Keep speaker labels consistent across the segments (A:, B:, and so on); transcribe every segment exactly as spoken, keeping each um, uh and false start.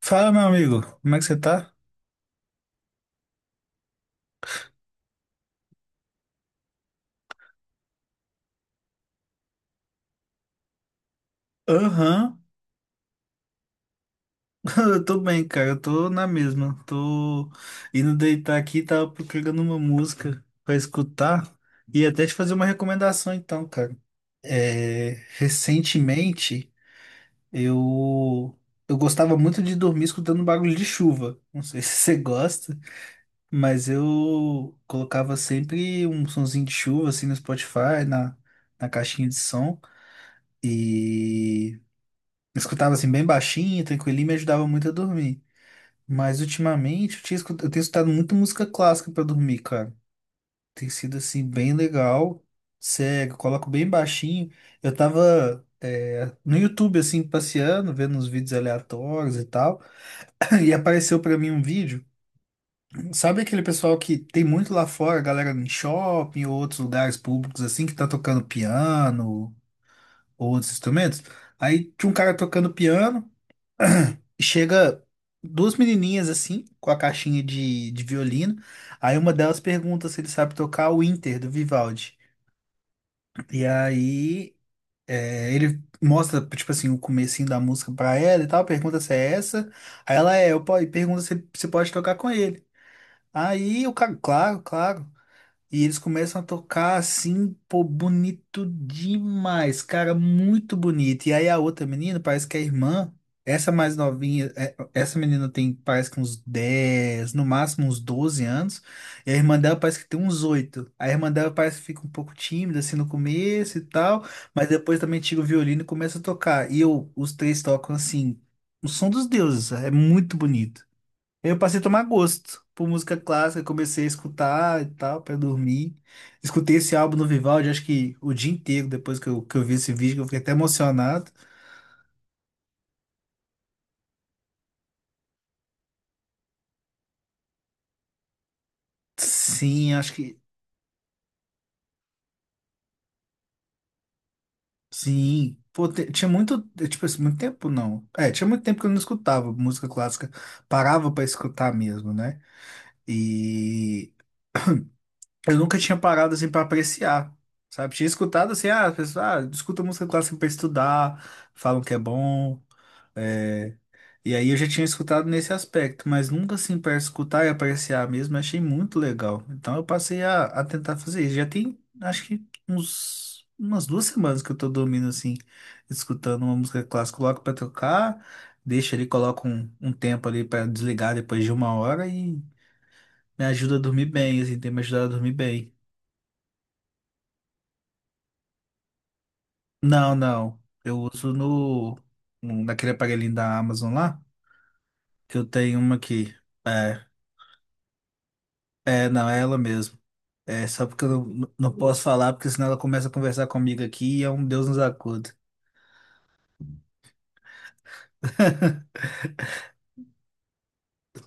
A: Fala, meu amigo, como é que você tá? Aham. Eu tô bem, cara, eu tô na mesma. Tô indo deitar aqui, tava procurando uma música pra escutar e até te fazer uma recomendação então, cara. É, recentemente, eu eu gostava muito de dormir escutando barulho de chuva. Não sei se você gosta, mas eu colocava sempre um sonzinho de chuva assim no Spotify, na, na caixinha de som. E escutava assim bem baixinho, tranquilinho, me ajudava muito a dormir. Mas ultimamente eu, tinha escu- eu tenho escutado muita música clássica pra dormir, cara. Tem sido assim bem legal. Cego, coloco bem baixinho. Eu tava é, no YouTube assim passeando, vendo uns vídeos aleatórios e tal, e apareceu pra mim um vídeo. Sabe aquele pessoal que tem muito lá fora, a galera em shopping ou outros lugares públicos assim que tá tocando piano ou outros instrumentos? Aí tinha um cara tocando piano, chega duas menininhas assim, com a caixinha de, de violino. Aí uma delas pergunta se ele sabe tocar o Inter do Vivaldi. E aí é, ele mostra, tipo assim, o comecinho da música pra ela e tal, pergunta se é essa. Aí ela é, eu po- e pergunta se, se pode tocar com ele. Aí o cara, claro, claro. E eles começam a tocar assim, pô, bonito demais, cara, muito bonito. E aí a outra menina, parece que a irmã, essa mais novinha, é, essa menina tem, parece que uns dez, no máximo uns doze anos, e a irmã dela parece que tem uns oito. A irmã dela parece que fica um pouco tímida assim no começo e tal, mas depois também tira o violino e começa a tocar. E eu, os três tocam assim, o som dos deuses, é muito bonito. Eu passei a tomar gosto por música clássica, comecei a escutar e tal, pra dormir. Escutei esse álbum no Vivaldi, acho que o dia inteiro, depois que eu, que eu vi esse vídeo, eu fiquei até emocionado. Sim, acho que. Sim. Pô, te- tinha muito. eh, Tipo assim, muito tempo não. É, tinha muito tempo que eu não escutava música clássica. Parava pra escutar mesmo, né? E eu nunca tinha parado assim pra apreciar. Sabe? Tinha escutado assim, ah, as pessoas, ah, escuta música clássica pra estudar, falam que é bom. eh, E aí eu já tinha escutado nesse aspecto, mas nunca assim para escutar e apreciar mesmo, eu achei muito legal. Então eu passei a, a tentar fazer isso. Já tem, acho que uns, umas duas semanas que eu tô dormindo assim, escutando uma música clássica, coloco para tocar, deixo ali, coloco um, um tempo ali para desligar depois de uma hora e me ajuda a dormir bem, assim, tem me ajudado a dormir bem. Não, não. Eu uso no, no- naquele aparelhinho da Amazon lá, que eu tenho uma aqui. É, é, não, é ela mesmo. É, só porque eu não, não posso falar, porque senão ela começa a conversar comigo aqui e é um Deus nos acuda.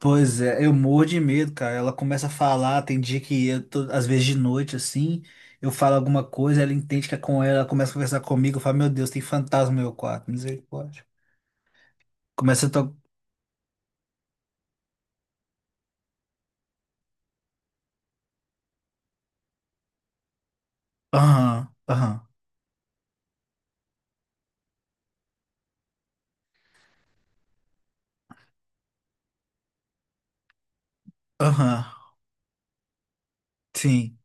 A: Pois é, eu morro de medo, cara. Ela começa a falar, tem dia que eu tô, às vezes de noite assim, eu falo alguma coisa, ela entende que é com ela, ela começa a conversar comigo, eu falo, meu Deus, tem fantasma no meu quarto, misericórdia. Começa a tocar. Aham, aham, aham. Sim.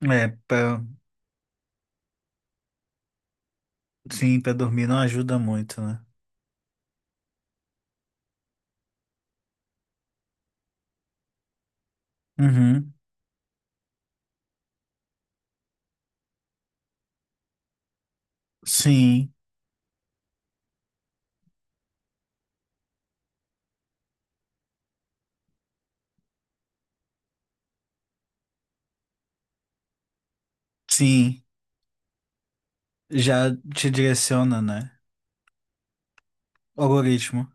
A: É, pra, sim, pra dormir não ajuda muito, né? Uhum. Sim, sim. Já te direciona, né? Algoritmo.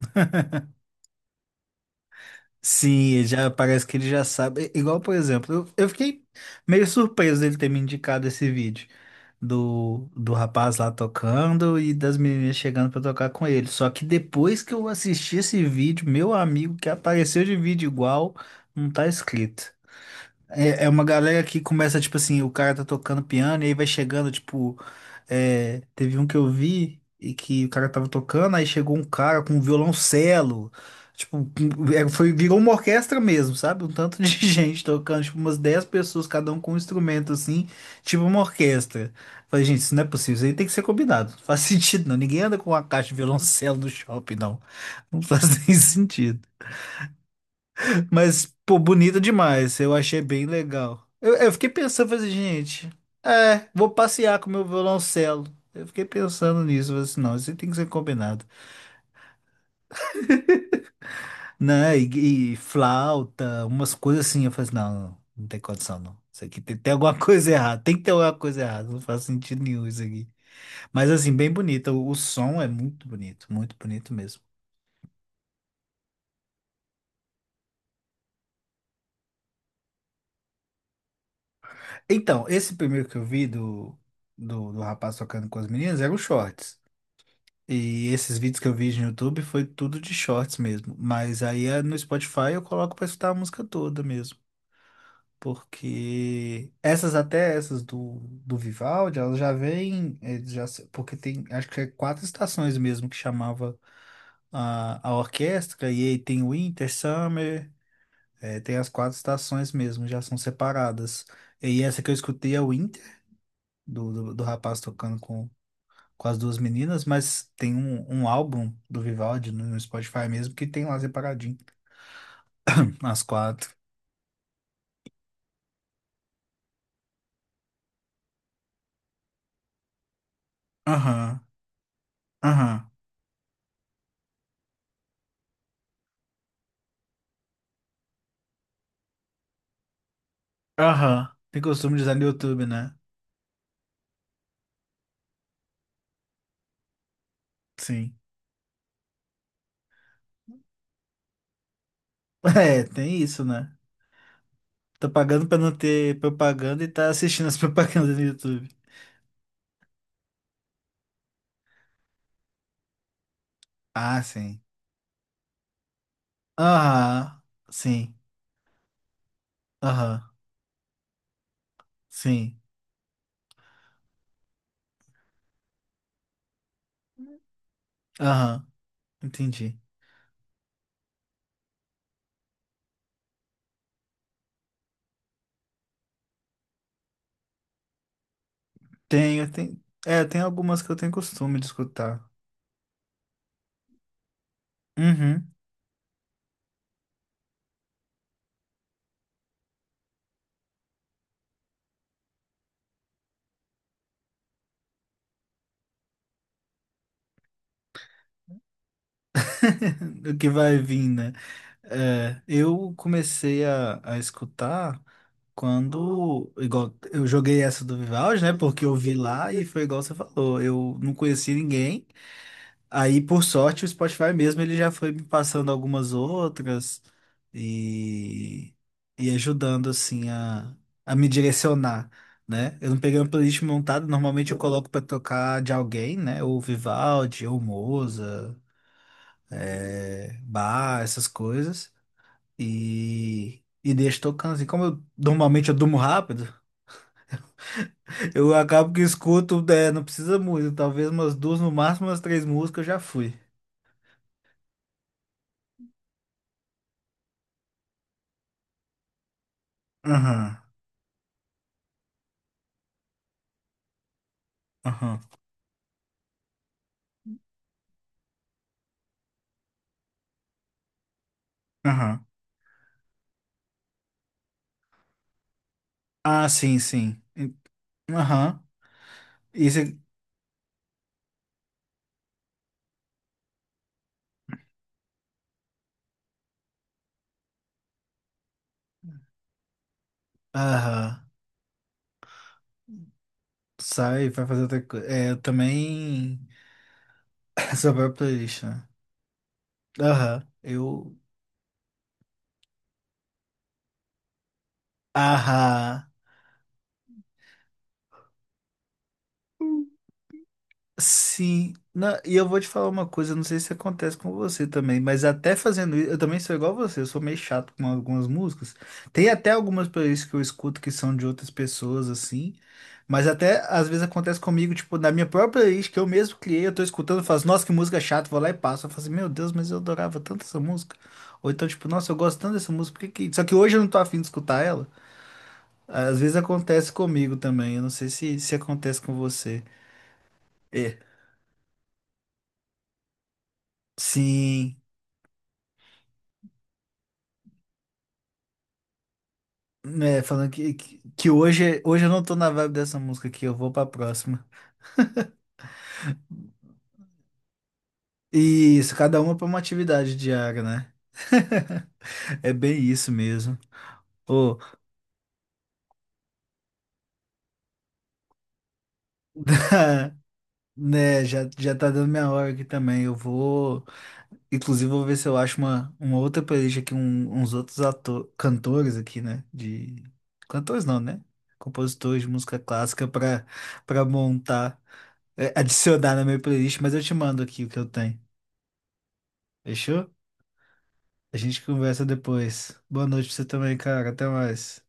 A: Sim, ele já parece que ele já sabe. I- Igual, por exemplo, eu, eu fiquei meio surpreso dele ter me indicado esse vídeo do, do rapaz lá tocando e das meninas chegando pra tocar com ele. Só que depois que eu assisti esse vídeo, meu amigo que apareceu de vídeo igual, não tá escrito. É, é uma galera que começa, tipo assim, o cara tá tocando piano e aí vai chegando, tipo. É, teve um que eu vi e que o cara tava tocando, aí chegou um cara com um violoncelo. Tipo, com- é, foi, virou uma orquestra mesmo, sabe? Um tanto de gente tocando, tipo, umas dez pessoas, cada um com um instrumento, assim, tipo uma orquestra. Falei, gente, isso não é possível, isso aí tem que ser combinado. Não faz sentido, não. Ninguém anda com uma caixa de violoncelo no shopping, não. Não faz nem sentido. Mas, pô, bonita demais. Eu achei bem legal. Eu, eu fiquei pensando, falei assim, gente, é, vou passear com meu violoncelo. Eu fiquei pensando nisso, falei assim, não, isso tem que ser combinado. Né? E, e flauta, umas coisas assim. Eu falei assim, não, não, não tem condição, não. Isso aqui tem, tem alguma coisa errada, tem que ter alguma coisa errada, não faz sentido nenhum isso aqui. Mas assim, bem bonita, o, o som é muito bonito, muito bonito mesmo. Então, esse primeiro que eu vi do, do, do rapaz tocando com as meninas era o Shorts. E esses vídeos que eu vi no YouTube foi tudo de shorts mesmo. Mas aí eh, no Spotify eu coloco pra escutar a música toda mesmo. Porque essas até essas do, do Vivaldi, elas já vêm, eh, já, se- porque tem, acho que é quatro estações mesmo que chamava a, a orquestra, e aí tem Winter, Summer, eh, tem as quatro estações mesmo, já são separadas. E essa que eu escutei é o Winter, do, do, do rapaz tocando com as duas meninas, mas tem um, um álbum do Vivaldi no no Spotify mesmo que tem lá separadinho. As quatro. Aham, aham, aham. Tem costume de usar no YouTube, né? Sim. É, tem isso, né? Tô pagando pra não ter propaganda e tá assistindo as propagandas no YouTube. Ah, sim. Aham, sim. Aham, sim. Aham, entendi. Tenho, tem, é, tem algumas que eu tenho costume de escutar. Uhum. Do que vai vir, né? É, eu comecei a, a escutar quando, igual, eu joguei essa do Vivaldi, né? Porque eu vi lá e foi igual você falou, eu não conheci ninguém. Aí, por sorte, o Spotify mesmo, ele já foi me passando algumas outras e, e ajudando, assim, a, a me direcionar, né? Eu não peguei uma playlist montada, normalmente eu coloco pra tocar de alguém, né? Ou Vivaldi, ou Moza, é, bar, essas coisas. E, e deixo tocando assim. Como eu normalmente eu durmo rápido, eu acabo que escuto, é, não precisa muito, talvez umas duas, no máximo umas três músicas eu já fui. Aham, aham, aham. Ah, sim, sim. E- Aham. Isso é. Aham. Sai, vai fazer outra coisa. É, eu também. Essa própria playlist, né? Aham. Eu. Aham. Sim, Na- e eu vou te falar uma coisa, não sei se acontece com você também, mas até fazendo isso, eu também sou igual você, eu sou meio chato com algumas músicas. Tem até algumas playlists que eu escuto que são de outras pessoas, assim, mas até às vezes acontece comigo, tipo, na minha própria playlist que eu mesmo criei, eu tô escutando, eu faço, nossa, que música chata, vou lá e passo. Eu falo assim, meu Deus, mas eu adorava tanto essa música. Ou então, tipo, nossa, eu gosto tanto dessa música, por que que... Só que hoje eu não tô afim de escutar ela. Às vezes acontece comigo também, eu não sei se, se acontece com você. É. Sim. É, falando que, que, que hoje, hoje eu não tô na vibe dessa música aqui, eu vou pra próxima. E isso, cada uma pra uma atividade diária, né? É bem isso mesmo. Ô, né, já, já tá dando minha hora aqui também. Eu vou, inclusive, vou ver se eu acho uma, uma outra playlist aqui, um- uns outros ator, cantores aqui, né? De cantores não, né? Compositores de música clássica pra para montar, é, adicionar na minha playlist, mas eu te mando aqui o que eu tenho. Fechou? A gente conversa depois. Boa noite pra você também, cara. Até mais.